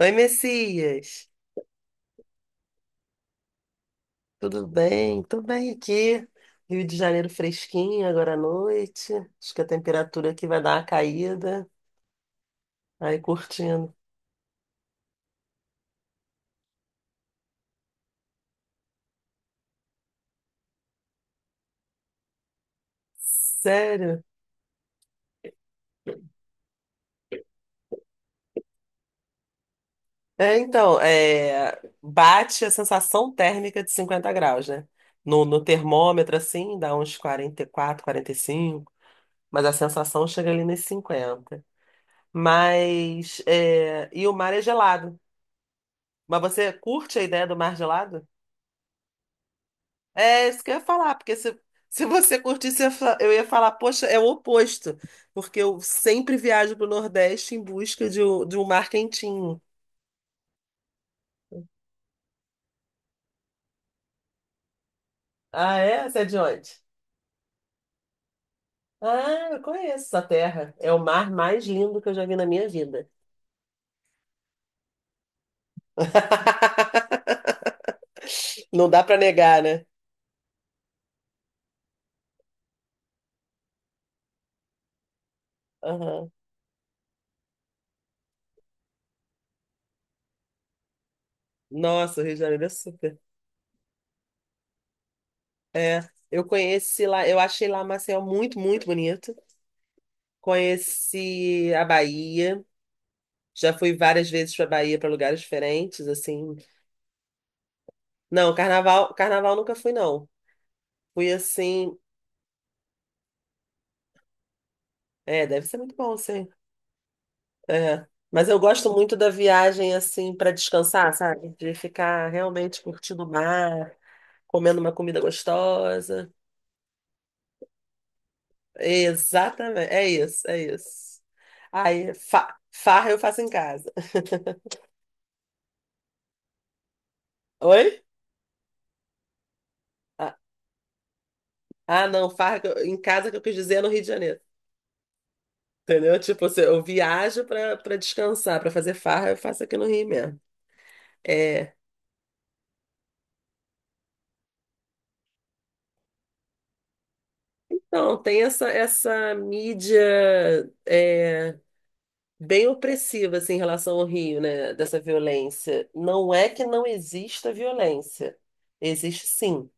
Oi, Messias. Tudo bem? Tô bem aqui. Rio de Janeiro fresquinho agora à noite. Acho que a temperatura aqui vai dar uma caída. Aí curtindo. Sério? É, então, bate a sensação térmica de 50 graus, né? No termômetro, assim, dá uns 40 44, 45, mas a sensação chega ali nos 50. Mas, e o mar é gelado. Mas você curte a ideia do mar gelado? É isso que eu ia falar, porque se você curtisse, eu ia falar, poxa, é o oposto, porque eu sempre viajo para o Nordeste em busca de, de um mar quentinho. Ah, é? Você é de onde? Ah, eu conheço essa terra. É o mar mais lindo que eu já vi na minha vida. Não dá para negar, né? Aham. Nossa, o Rio de Janeiro é super. É, eu conheci lá, eu achei lá Maceió muito, muito bonito. Conheci a Bahia. Já fui várias vezes para Bahia, para lugares diferentes, assim. Não, carnaval, carnaval nunca fui, não. Fui assim, é, deve ser muito bom, sim. É. Mas eu gosto muito da viagem assim para descansar, sabe? De ficar realmente curtindo o mar, comendo uma comida gostosa. Exatamente, é isso, é isso. Aí, farra eu faço em casa. Oi? Ah, ah, não, farra que em casa que eu quis dizer é no Rio de Janeiro. Entendeu? Tipo, se eu viajo pra para descansar, pra fazer farra, eu faço aqui no Rio mesmo. É. Então, tem essa mídia é, bem opressiva assim, em relação ao Rio, né? Dessa violência. Não é que não exista violência. Existe sim.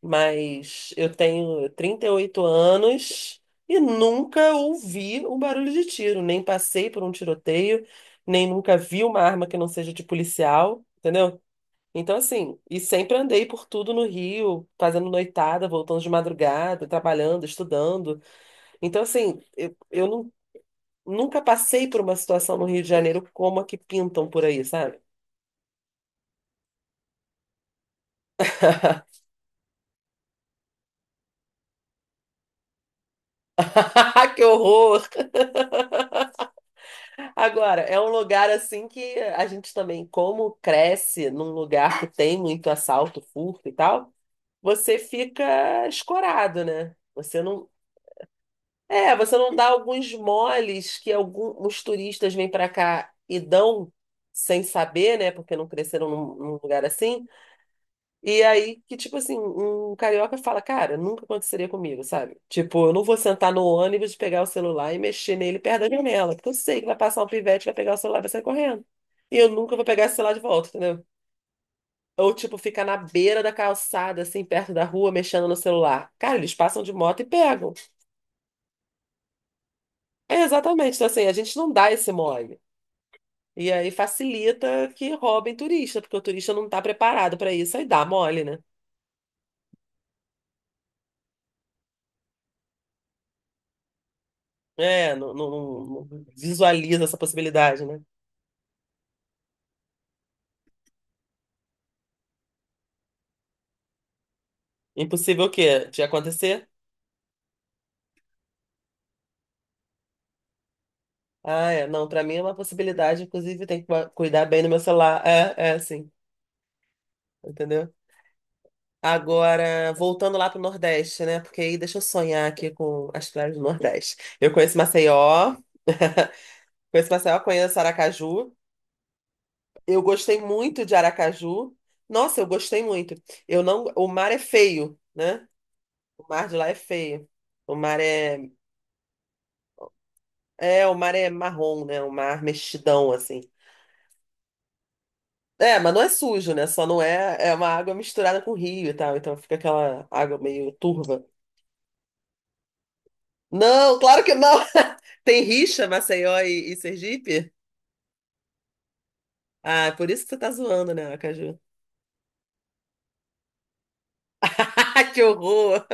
Mas eu tenho 38 anos e nunca ouvi um barulho de tiro. Nem passei por um tiroteio, nem nunca vi uma arma que não seja de policial. Entendeu? Então, assim, e sempre andei por tudo no Rio, fazendo noitada, voltando de madrugada, trabalhando, estudando. Então, assim, eu não- nunca passei por uma situação no Rio de Janeiro como a que pintam por aí, sabe? Que horror! Agora, é um lugar assim que a gente também, como cresce num lugar que tem muito assalto, furto e tal, você fica escorado, né? Você não, é, você não dá alguns moles que alguns turistas vêm para cá e dão sem saber, né? Porque não cresceram num lugar assim. E aí que, tipo assim, um carioca fala, cara, nunca aconteceria comigo, sabe? Tipo, eu não vou sentar no ônibus, pegar o celular e mexer nele perto da janela, porque eu sei que vai passar um pivete, vai pegar o celular e vai sair correndo. E eu nunca vou pegar esse celular de volta, entendeu? Ou, tipo, ficar na beira da calçada, assim, perto da rua, mexendo no celular. Cara, eles passam de moto e pegam. É, exatamente. Então, assim, a gente não dá esse mole. E aí facilita que roubem turista, porque o turista não está preparado para isso. Aí dá mole, né? É, não visualiza essa possibilidade, né? Impossível o quê? De acontecer? Ah, é. Não, para mim é uma possibilidade. Inclusive, tem que cuidar bem do meu celular. É, é, sim. Entendeu? Agora, voltando lá para o Nordeste, né? Porque aí deixa eu sonhar aqui com as praias do Nordeste. Eu conheço Maceió. Conheço Maceió, conheço Aracaju. Eu gostei muito de Aracaju. Nossa, eu gostei muito. Eu não, o mar é feio, né? O mar de lá é feio. O mar é, o mar é marrom, né? O mar mexidão assim. É, mas não é sujo, né? Só não é, é uma água misturada com rio e tal, então fica aquela água meio turva. Não, claro que não. Tem rixa, Maceió e Sergipe? Ah, é por isso que você tá zoando, né, Aracaju? Que horror!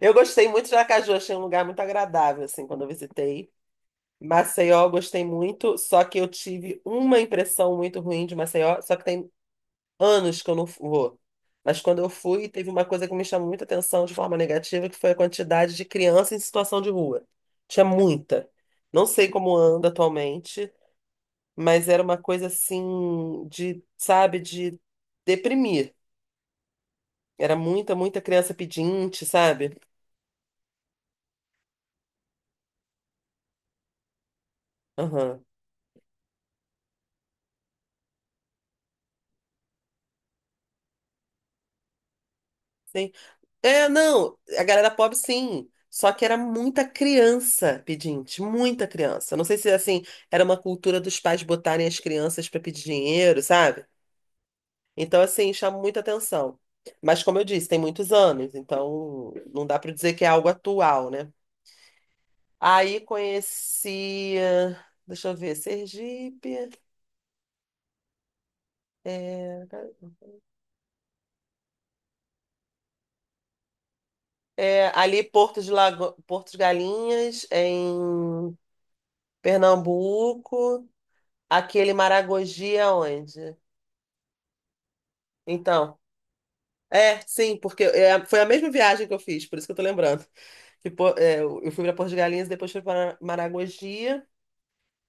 Eu gostei muito de Aracaju, achei um lugar muito agradável, assim, quando eu visitei. Maceió, gostei muito, só que eu tive uma impressão muito ruim de Maceió, só que tem anos que eu não vou. Mas quando eu fui, teve uma coisa que me chamou muita atenção de forma negativa, que foi a quantidade de criança em situação de rua. Tinha muita. Não sei como anda atualmente, mas era uma coisa assim de, sabe, de deprimir. Era muita, muita criança pedinte, sabe? Aham. É, não, a galera pobre sim. Só que era muita criança pedinte, muita criança. Não sei se assim, era uma cultura dos pais botarem as crianças para pedir dinheiro, sabe? Então assim, chama muita atenção. Mas como eu disse, tem muitos anos, então não dá para dizer que é algo atual, né? Aí conheci, deixa eu ver, Sergipe, é, ali Porto de Lago... Porto de Galinhas, em Pernambuco. Aquele Maragogi é onde? Então, é, sim, porque é, foi a mesma viagem que eu fiz, por isso que eu tô lembrando. Que, pô, é, eu fui para Porto de Galinhas, depois fui para Maragogi.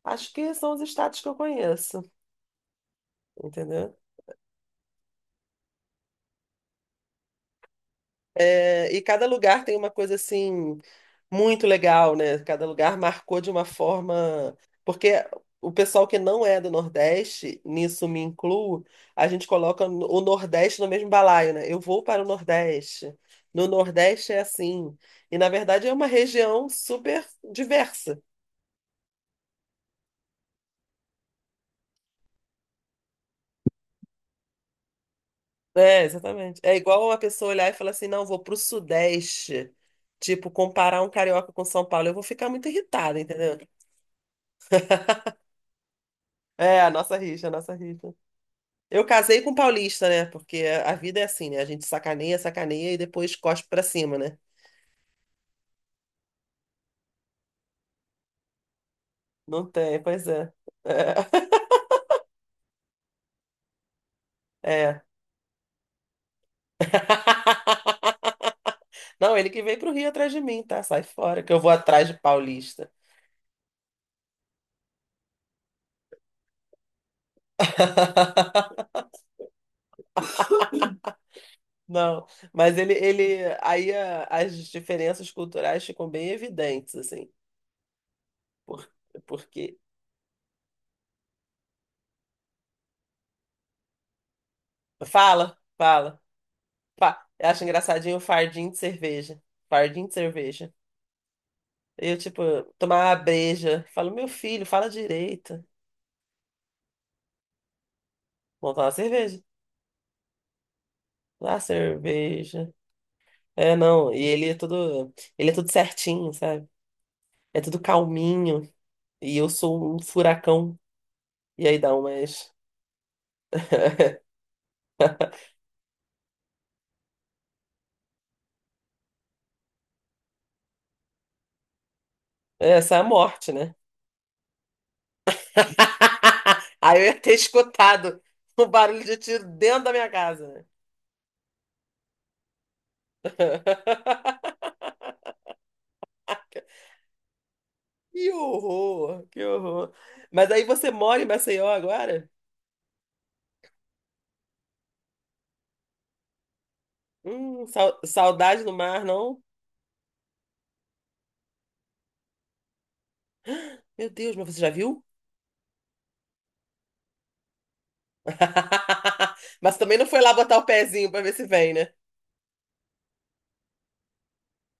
Acho que são os estados que eu conheço, entendeu? É, e cada lugar tem uma coisa assim muito legal, né? Cada lugar marcou de uma forma. Porque o pessoal que não é do Nordeste, nisso me incluo, a gente coloca o Nordeste no mesmo balaio, né? Eu vou para o Nordeste. No Nordeste é assim. E na verdade é uma região super diversa. É, exatamente. É igual uma pessoa olhar e falar assim: não, vou para o Sudeste. Tipo, comparar um carioca com São Paulo, eu vou ficar muito irritada, entendeu? É, a nossa rixa, a nossa rixa. Eu casei com paulista, né? Porque a vida é assim, né? A gente sacaneia, sacaneia e depois cospe pra cima, né? Não tem, pois é. É. É. Não, ele que veio pro Rio atrás de mim, tá? Sai fora, que eu vou atrás de paulista. Não, mas ele, aí as diferenças culturais ficam bem evidentes, assim, por, porque, fala, fala, eu acho engraçadinho o fardinho de cerveja, fardinho de cerveja. Eu, tipo, tomar uma breja. Falo, meu filho, fala direito. Montar uma cerveja. Ah, cerveja. É, não. E ele é todo. Ele é tudo certinho, sabe? É tudo calminho. E eu sou um furacão. E aí dá umas. Essa é a morte, né? Aí eu ia ter escutado o barulho de tiro dentro da minha casa, né? Que horror, que horror. Mas aí você mora em Maceió agora? Saudade do mar, não? Meu Deus, mas você já viu? Mas também não foi lá botar o pezinho pra ver se vem, né?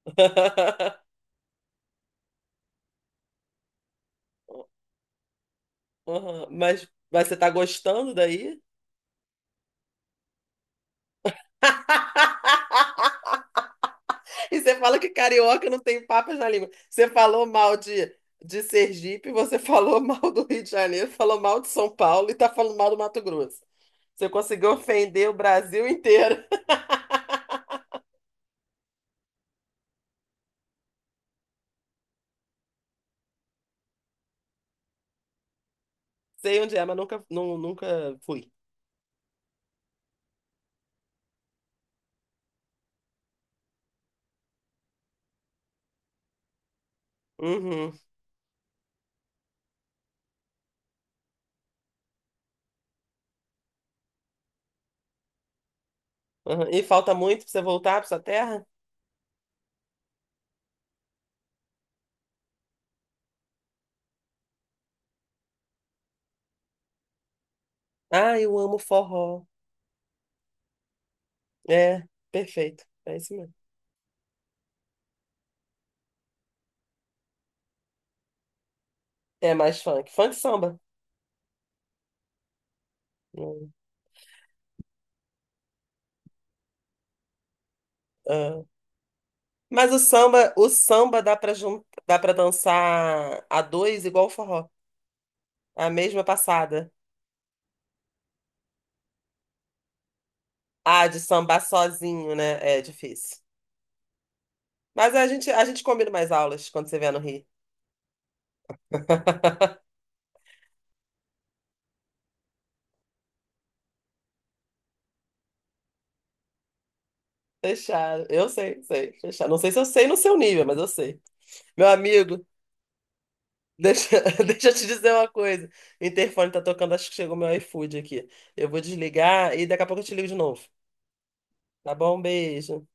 Uhum. Mas você tá gostando daí? E você fala que carioca não tem papas na língua. Você falou mal de Sergipe, você falou mal do Rio de Janeiro, falou mal de São Paulo e tá falando mal do Mato Grosso. Você conseguiu ofender o Brasil inteiro. Sei onde é, mas nunca fui. Uhum, uhum. E falta muito pra você voltar pra sua terra? Ah, eu amo forró. É, perfeito. É isso mesmo. É mais funk. Funk e samba. Hum, ah. Mas o samba dá pra, jun... dá pra dançar a dois igual o forró. A mesma passada. Ah, de sambar sozinho, né? É difícil. Mas a gente combina mais aulas quando você vier no Rio. Fechado. Eu sei, sei. Fechado. Não sei se eu sei no seu nível, mas eu sei. Meu amigo. Deixa, deixa eu te dizer uma coisa. O interfone tá tocando, acho que chegou meu iFood aqui. Eu vou desligar e daqui a pouco eu te ligo de novo. Tá bom? Um beijo.